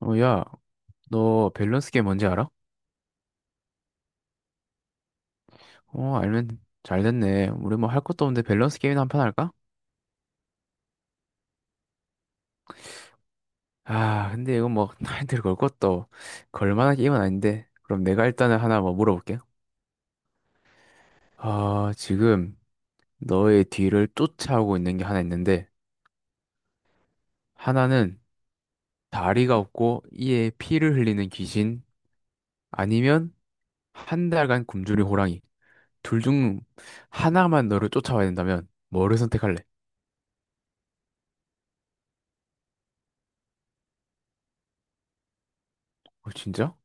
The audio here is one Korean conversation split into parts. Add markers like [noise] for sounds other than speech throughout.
어, 야, 너 밸런스 게임 뭔지 알아? 알면 잘 됐네. 우리 뭐 할 것도 없는데 밸런스 게임이나 한 판 할까? 근데 이건 뭐 [laughs] 타이틀 걸 것도 걸 만한 게임은 아닌데. 그럼 내가 일단은 하나 뭐 물어볼게. 지금 너의 뒤를 쫓아오고 있는 게 하나 있는데, 하나는 다리가 없고 이에 피를 흘리는 귀신, 아니면 한 달간 굶주린 호랑이. 둘 중 하나만 너를 쫓아와야 된다면 뭐를 선택할래? 어, 진짜?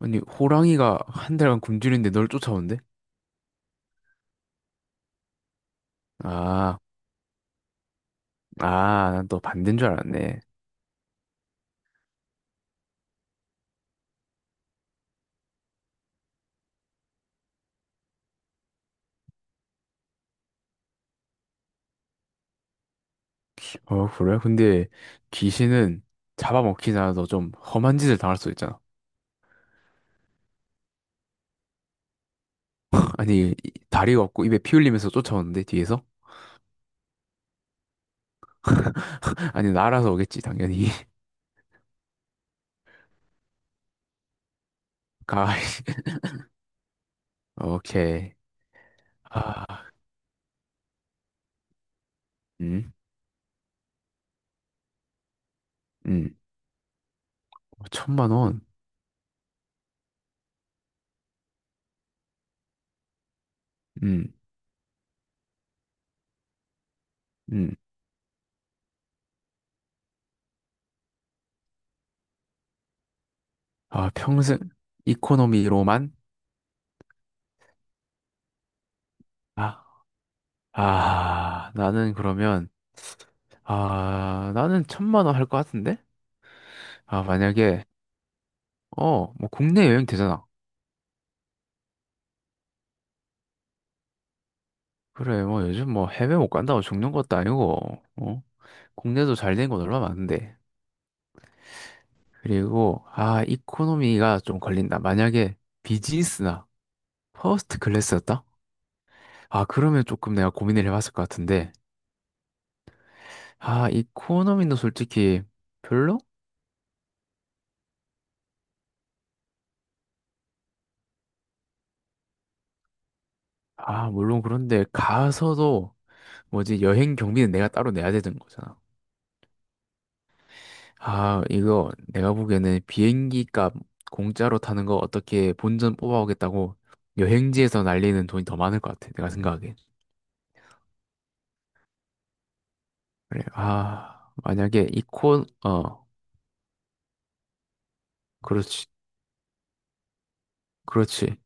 아니, 호랑이가 한 달간 굶주리는데 널 쫓아온대? 아, 난 너 반대인 줄 알았네. 그래? 근데 귀신은 잡아먹히나 너좀 험한 짓을 당할 수 있잖아. 아니, 다리가 없고 입에 피 흘리면서 쫓아오는데, 뒤에서? [laughs] 아니, 날아서 오겠지, 당연히. [laughs] 가, [laughs] 오케이. 아, 음, 음. 어, 1,000만 원. 음, 음. 평생 이코노미로만? 아, 나는 그러면, 나는 1,000만 원 할 것 같은데? 만약에, 뭐 국내 여행 되잖아. 그래, 뭐 요즘 뭐 해외 못 간다고 죽는 것도 아니고, 어? 국내도 잘 된 곳 얼마 많은데. 그리고, 이코노미가 좀 걸린다. 만약에 비즈니스나 퍼스트 클래스였다? 그러면 조금 내가 고민을 해봤을 것 같은데. 이코노미는 솔직히 별로? 물론 그런데 가서도 뭐지, 여행 경비는 내가 따로 내야 되는 거잖아. 이거 내가 보기에는 비행기 값 공짜로 타는 거 어떻게 본전 뽑아오겠다고 여행지에서 날리는 돈이 더 많을 것 같아. 내가 생각하기엔. 그래. 만약에 그렇지. 그렇지.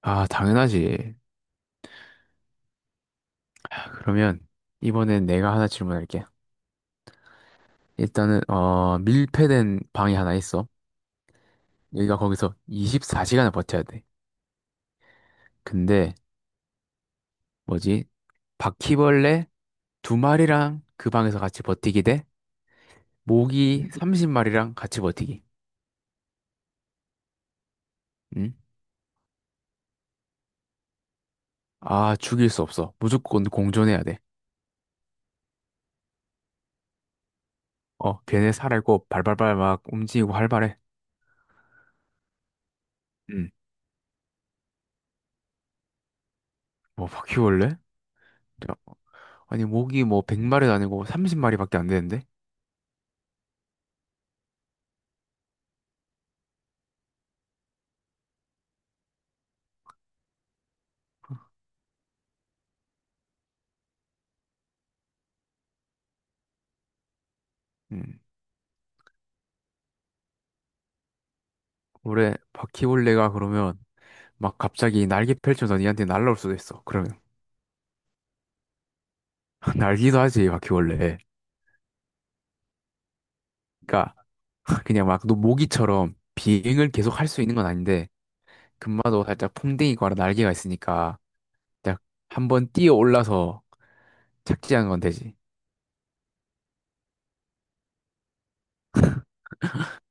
당연하지. 그러면 이번엔 내가 하나 질문할게. 일단은, 밀폐된 방이 하나 있어. 여기가 거기서 24시간을 버텨야 돼. 근데, 뭐지? 바퀴벌레 두 마리랑 그 방에서 같이 버티기 돼? 모기 30마리랑 같이 버티기. 응? 죽일 수 없어. 무조건 공존해야 돼. 걔네 살아있고 발발발 막 움직이고 활발해. 응. 뭐 바퀴벌레? 야, 아니, 모기 뭐 100마리도 아니고 30마리밖에 안 되는데? 응. 올해 바퀴벌레가 그러면 막 갑자기 날개 펼쳐서 니한테 날아올 수도 있어. 그러면 [laughs] 날기도 하지, 바퀴벌레. 그러니까 [laughs] 그냥 막 너 모기처럼 비행을 계속 할 수 있는 건 아닌데 금마도 살짝 풍뎅이과라 날개가 있으니까 딱 한번 뛰어 올라서 착지한 건 되지.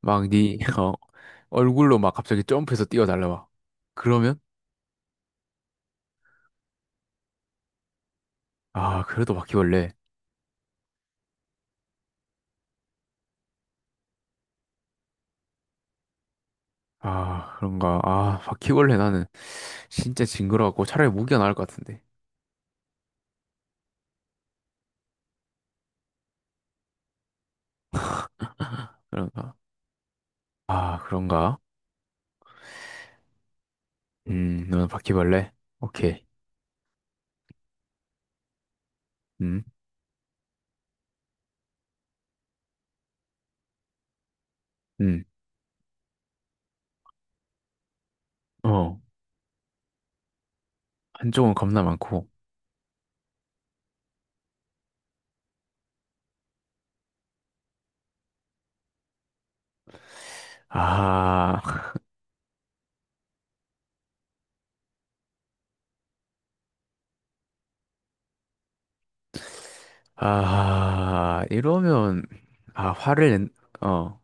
막 네, [laughs] 얼굴로 막 갑자기 점프해서 뛰어달라 막. 그러면? 그래도 바퀴벌레. 그런가. 바퀴벌레 나는 진짜 징그러워갖고 차라리 모기가 나을 것 같은데. 그런가. 그런가. 너는 바퀴벌레? 오케이. 음, 음. 어, 한쪽은 겁나 많고. 아, [laughs] 이러면, 화를 낸, 어,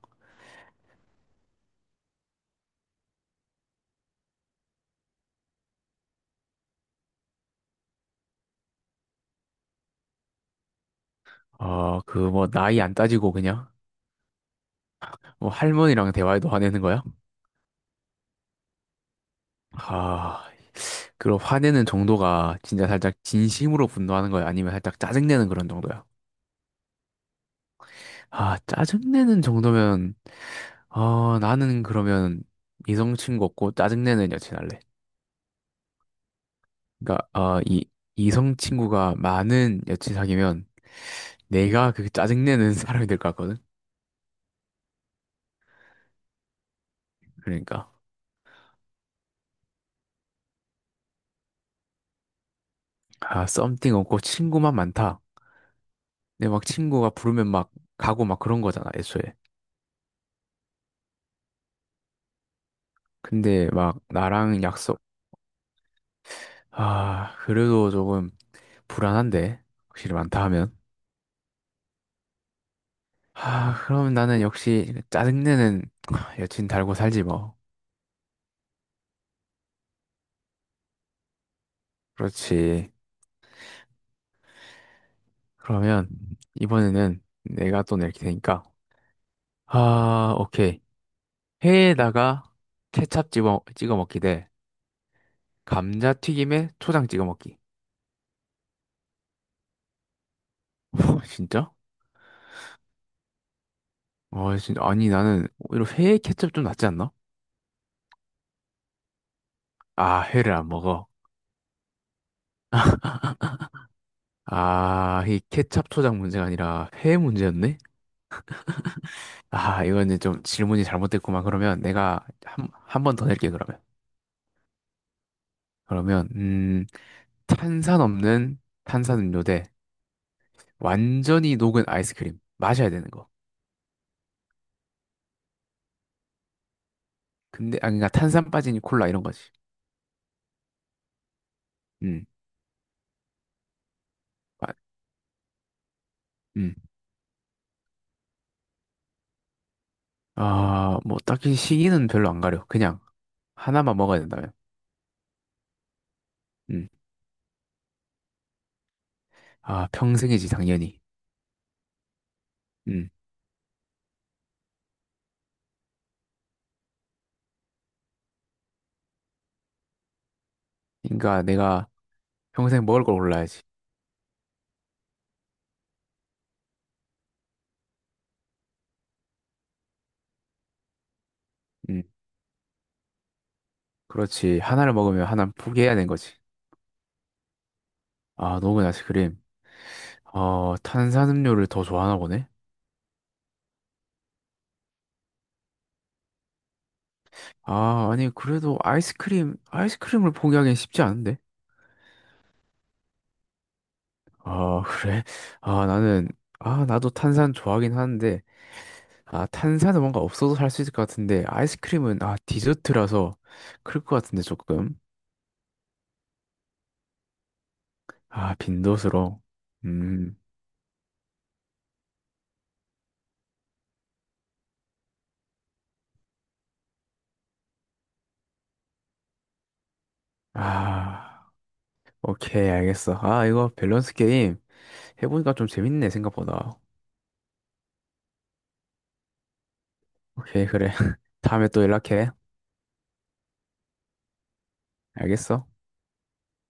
그 뭐 나이 안 따지고 그냥, 뭐 할머니랑 대화해도 화내는 거야? 아, 그럼 화내는 정도가 진짜 살짝 진심으로 분노하는 거야? 아니면 살짝 짜증내는 그런 정도야? 짜증내는 정도면, 나는 그러면 이성 친구 없고 짜증내는 여친 할래. 그러니까, 이성 친구가 많은 여친 사귀면 내가 그 짜증내는 [laughs] 사람이 될 것 같거든? 그러니까, 썸띵 없고 친구만 많다. 근데 막 친구가 부르면 막 가고 막 그런 거잖아, 애초에. 근데 막 나랑 약속. 그래도 조금 불안한데. 확실히 많다 하면. 그럼 나는 역시 짜증내는 [tsk] 여친 달고 살지 뭐. 그렇지. 그러면 이번에는 내가 또 낼 테니까. 오케이. 회에다가 케찹 찍어 먹기 대 감자튀김에 초장 찍어 먹기. [laughs] 진짜? 진짜. 아니, 나는 오히려 회에 케첩 좀 낫지 않나? 회를 안 먹어. 이 케찹 초장 문제가 아니라 회 문제였네? 이거는 좀 질문이 잘못됐구만. 그러면 내가 한 번 더 낼게, 그러면. 그러면, 탄산 없는 탄산음료 대 완전히 녹은 아이스크림. 마셔야 되는 거. 근데, 그러니까 탄산 빠진 콜라 이런 거지. 음, 아, 음. 뭐, 딱히 시기는 별로 안 가려. 그냥 하나만 먹어야 된다면. 음, 평생이지, 당연히. 음, 그러니까 내가 평생 먹을 걸 골라야지. 음, 그렇지. 하나를 먹으면 하나는 포기해야 되는 거지. 녹은 아이스크림. 탄산음료를 더 좋아하나 보네? 아니, 그래도 아이스크림을 포기하기엔 쉽지 않은데? [laughs] 그래? 나는, 나도 탄산 좋아하긴 하는데, 탄산은 뭔가 없어도 살 수 있을 것 같은데, 아이스크림은, 디저트라서, 그럴 것 같은데, 조금. 빈도수로. 음, 아, 오케이, 알겠어. 이거 밸런스 게임 해보니까 좀 재밌네, 생각보다. 오케이, 그래. [laughs] 다음에 또 연락해. 알겠어?